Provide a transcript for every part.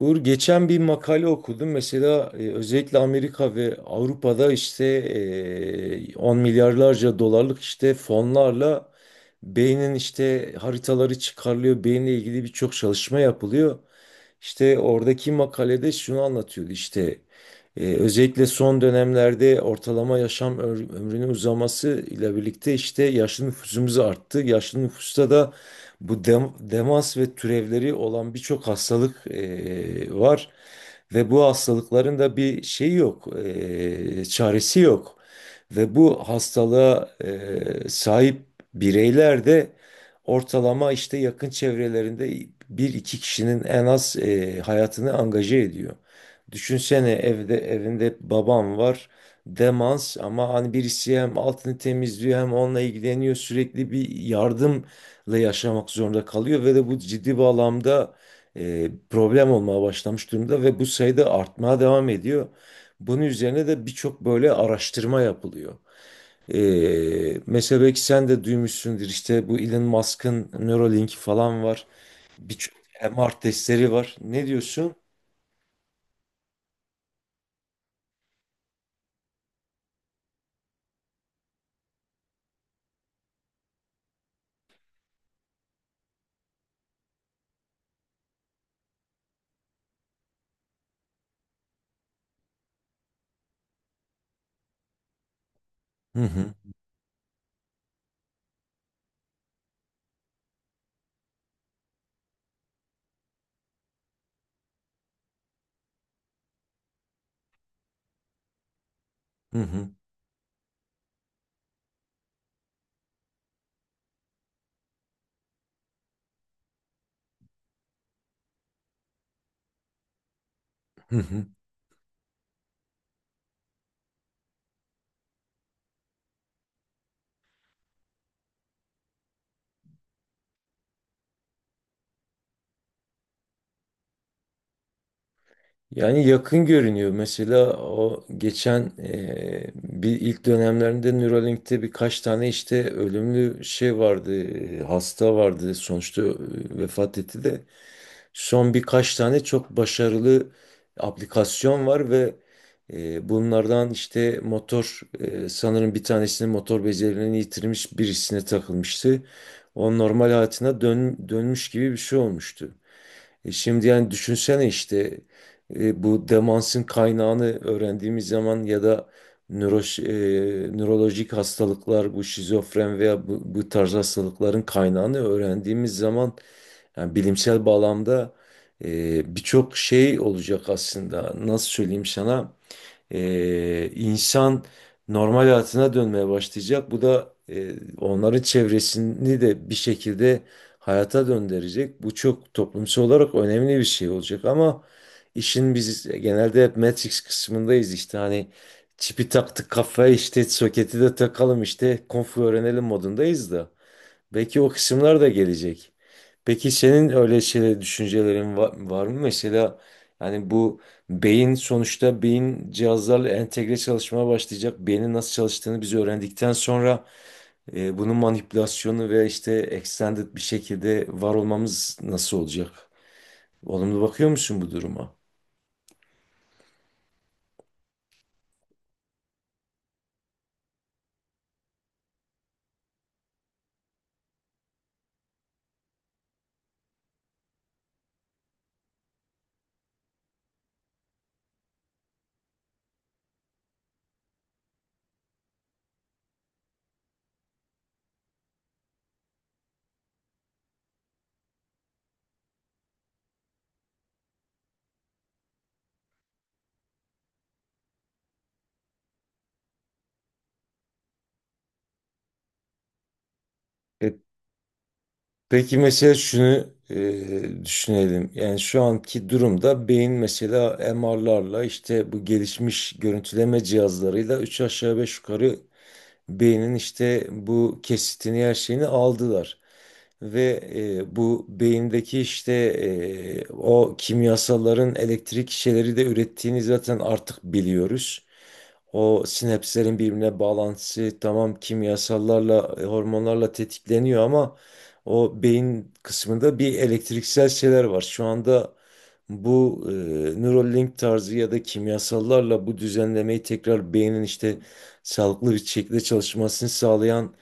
Uğur geçen bir makale okudum. Mesela özellikle Amerika ve Avrupa'da işte 10 milyarlarca dolarlık işte fonlarla beynin işte haritaları çıkarılıyor. Beyinle ilgili birçok çalışma yapılıyor. İşte oradaki makalede şunu anlatıyordu işte özellikle son dönemlerde ortalama yaşam ömrünün uzaması ile birlikte işte yaşlı nüfusumuz arttı. Yaşlı nüfusta da bu demans ve türevleri olan birçok hastalık var ve bu hastalıkların da bir şeyi yok, çaresi yok ve bu hastalığa sahip bireyler de ortalama işte yakın çevrelerinde bir iki kişinin en az hayatını angaje ediyor. Düşünsene evinde babam var, demans, ama hani birisi hem altını temizliyor hem onunla ilgileniyor, sürekli bir yardımla yaşamak zorunda kalıyor ve de bu ciddi bağlamda problem olmaya başlamış durumda ve bu sayıda artmaya devam ediyor. Bunun üzerine de birçok böyle araştırma yapılıyor. Mesela belki sen de duymuşsundur işte bu Elon Musk'ın Neuralink falan var. Birçok MR testleri var. Ne diyorsun? Hı hı, hı hı, hı hı. Yani yakın görünüyor. Mesela o geçen bir ilk dönemlerinde Neuralink'te birkaç tane işte ölümlü şey vardı, hasta vardı. Sonuçta vefat etti de. Son birkaç tane çok başarılı aplikasyon var ve bunlardan işte motor sanırım bir tanesinin motor becerilerini yitirmiş birisine takılmıştı. O normal hayatına dönmüş gibi bir şey olmuştu. Şimdi yani düşünsene işte bu demansın kaynağını öğrendiğimiz zaman ya da nörolojik hastalıklar bu şizofren veya bu tarz hastalıkların kaynağını öğrendiğimiz zaman yani bilimsel bağlamda birçok şey olacak aslında. Nasıl söyleyeyim sana? İnsan normal hayatına dönmeye başlayacak. Bu da onların çevresini de bir şekilde hayata döndürecek. Bu çok toplumsal olarak önemli bir şey olacak. Ama işin biz genelde hep Matrix kısmındayız işte hani çipi taktık kafaya işte soketi de takalım işte konfu öğrenelim modundayız da. Belki o kısımlar da gelecek. Peki senin öyle şeyler, düşüncelerin var mı? Mesela yani beyin sonuçta beyin cihazlarla entegre çalışmaya başlayacak. Beynin nasıl çalıştığını biz öğrendikten sonra bunun manipülasyonu ve işte extended bir şekilde var olmamız nasıl olacak? Olumlu bakıyor musun bu duruma? E. Peki mesela şunu düşünelim. Yani şu anki durumda beyin mesela MR'larla işte bu gelişmiş görüntüleme cihazlarıyla üç aşağı beş yukarı beynin işte bu kesitini her şeyini aldılar. Ve bu beyindeki işte o kimyasalların elektrik şeyleri de ürettiğini zaten artık biliyoruz. O sinapslerin birbirine bağlantısı tamam kimyasallarla, hormonlarla tetikleniyor ama o beyin kısmında bir elektriksel şeyler var. Şu anda bu Neuralink tarzı ya da kimyasallarla bu düzenlemeyi tekrar beynin işte sağlıklı bir şekilde çalışmasını sağlayan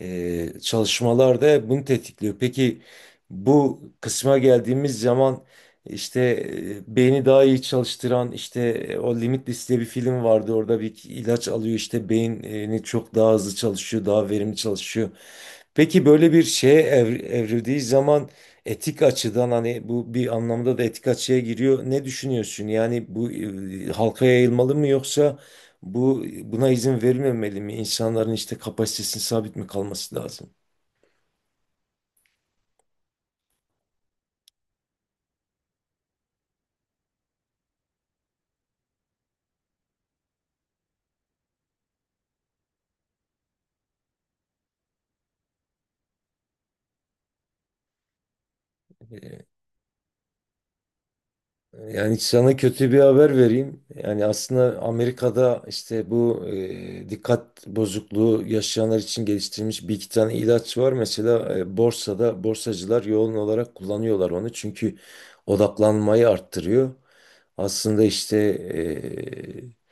çalışmalar da bunu tetikliyor. Peki bu kısma geldiğimiz zaman işte beyni daha iyi çalıştıran işte o Limitless diye bir film vardı. Orada bir ilaç alıyor işte beyni çok daha hızlı çalışıyor, daha verimli çalışıyor. Peki böyle bir şeye evrildiği zaman etik açıdan hani bu bir anlamda da etik açıya giriyor. Ne düşünüyorsun? Yani bu halka yayılmalı mı yoksa buna izin verilmemeli mi? İnsanların işte kapasitesinin sabit mi kalması lazım? Yani sana kötü bir haber vereyim. Yani aslında Amerika'da işte bu dikkat bozukluğu yaşayanlar için geliştirilmiş bir iki tane ilaç var. Mesela borsada borsacılar yoğun olarak kullanıyorlar onu. Çünkü odaklanmayı arttırıyor. Aslında işte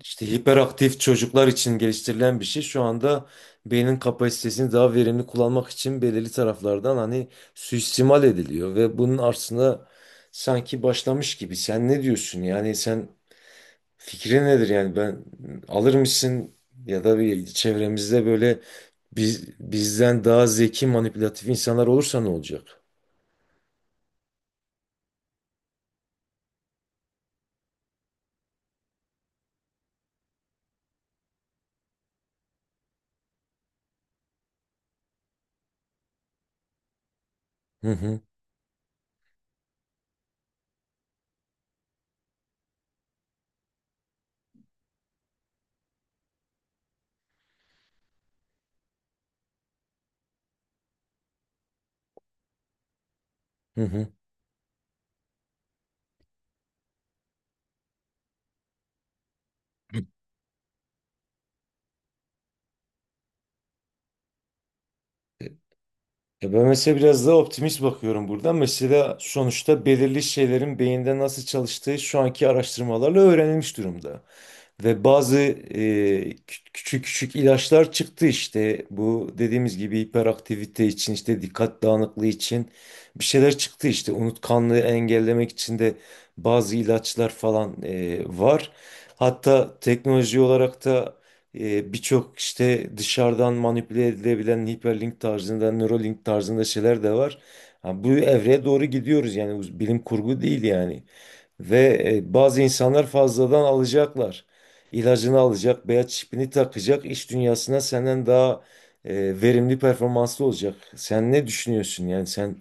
işte hiperaktif çocuklar için geliştirilen bir şey. Şu anda beynin kapasitesini daha verimli kullanmak için belirli taraflardan hani suistimal ediliyor ve bunun aslında sanki başlamış gibi. Sen ne diyorsun? Yani sen fikrin nedir? Yani ben alır mısın ya da bir çevremizde böyle bizden daha zeki manipülatif insanlar olursa ne olacak? Hı hı, hı hı. Ya ben mesela biraz daha optimist bakıyorum burada. Mesela sonuçta belirli şeylerin beyinde nasıl çalıştığı şu anki araştırmalarla öğrenilmiş durumda. Ve bazı küçük ilaçlar çıktı işte. Bu dediğimiz gibi hiperaktivite için işte dikkat dağınıklığı için bir şeyler çıktı işte. Unutkanlığı engellemek için de bazı ilaçlar falan var. Hatta teknoloji olarak da birçok işte dışarıdan manipüle edilebilen hiperlink tarzında, Neuralink tarzında şeyler de var. Ha, bu evreye doğru gidiyoruz yani bu bilim kurgu değil yani. Ve bazı insanlar fazladan alacaklar. İlacını alacak, beyaz çipini takacak, iş dünyasına senden daha verimli performanslı olacak. Sen ne düşünüyorsun yani sen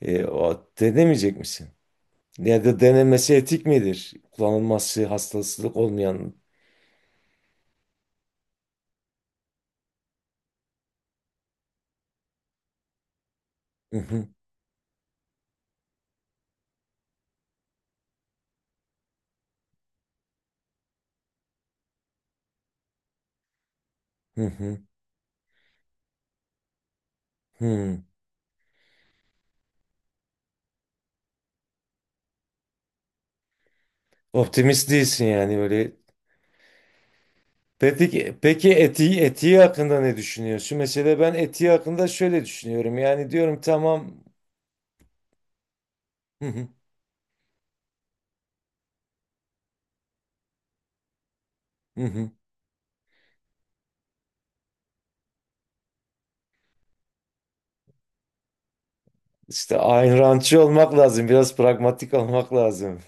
denemeyecek misin? Ya da denemesi etik midir? Kullanılması hastalık olmayan. Hı hı, hı hı, hı. Optimist değilsin yani öyle. Peki, etiği, etiği hakkında ne düşünüyorsun? Mesela ben etiği hakkında şöyle düşünüyorum. Yani diyorum tamam. Hı hı, hı hı. İşte Ayn Randçı olmak lazım. Biraz pragmatik olmak lazım.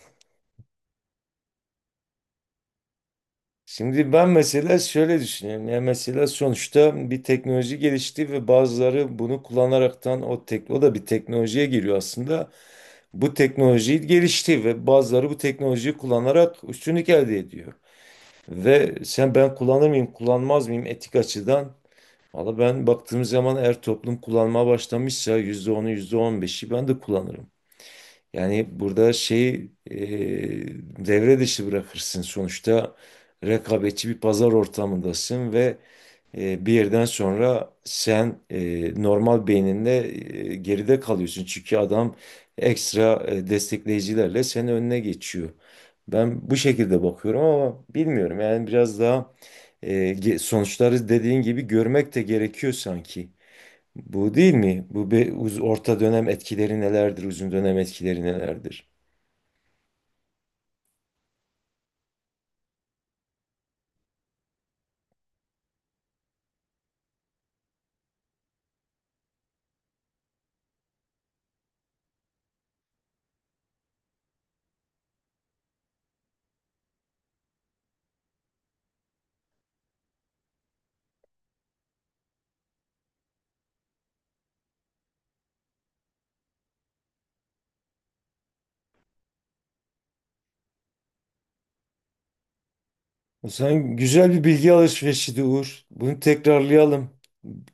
Şimdi ben mesela şöyle düşünüyorum. Yani mesela sonuçta bir teknoloji gelişti ve bazıları bunu kullanaraktan o tek o da bir teknolojiye giriyor aslında. Bu teknoloji gelişti ve bazıları bu teknolojiyi kullanarak üstünlük elde ediyor. Ve sen ben kullanır mıyım, kullanmaz mıyım etik açıdan? Valla ben baktığım zaman eğer toplum kullanmaya başlamışsa yüzde onu yüzde on beşi ben de kullanırım. Yani burada şey devre dışı bırakırsın. Sonuçta rekabetçi bir pazar ortamındasın ve bir yerden sonra sen normal beyninde geride kalıyorsun. Çünkü adam ekstra destekleyicilerle senin önüne geçiyor. Ben bu şekilde bakıyorum ama bilmiyorum. Yani biraz daha sonuçları dediğin gibi görmek de gerekiyor sanki. Bu değil mi? Bu bir orta dönem etkileri nelerdir, uzun dönem etkileri nelerdir? Sen güzel bir bilgi alışverişiydi Uğur. Bunu tekrarlayalım.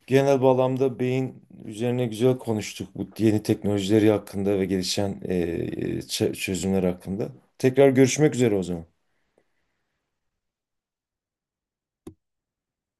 Genel bağlamda beyin üzerine güzel konuştuk bu yeni teknolojileri hakkında ve gelişen çözümler hakkında. Tekrar görüşmek üzere o zaman.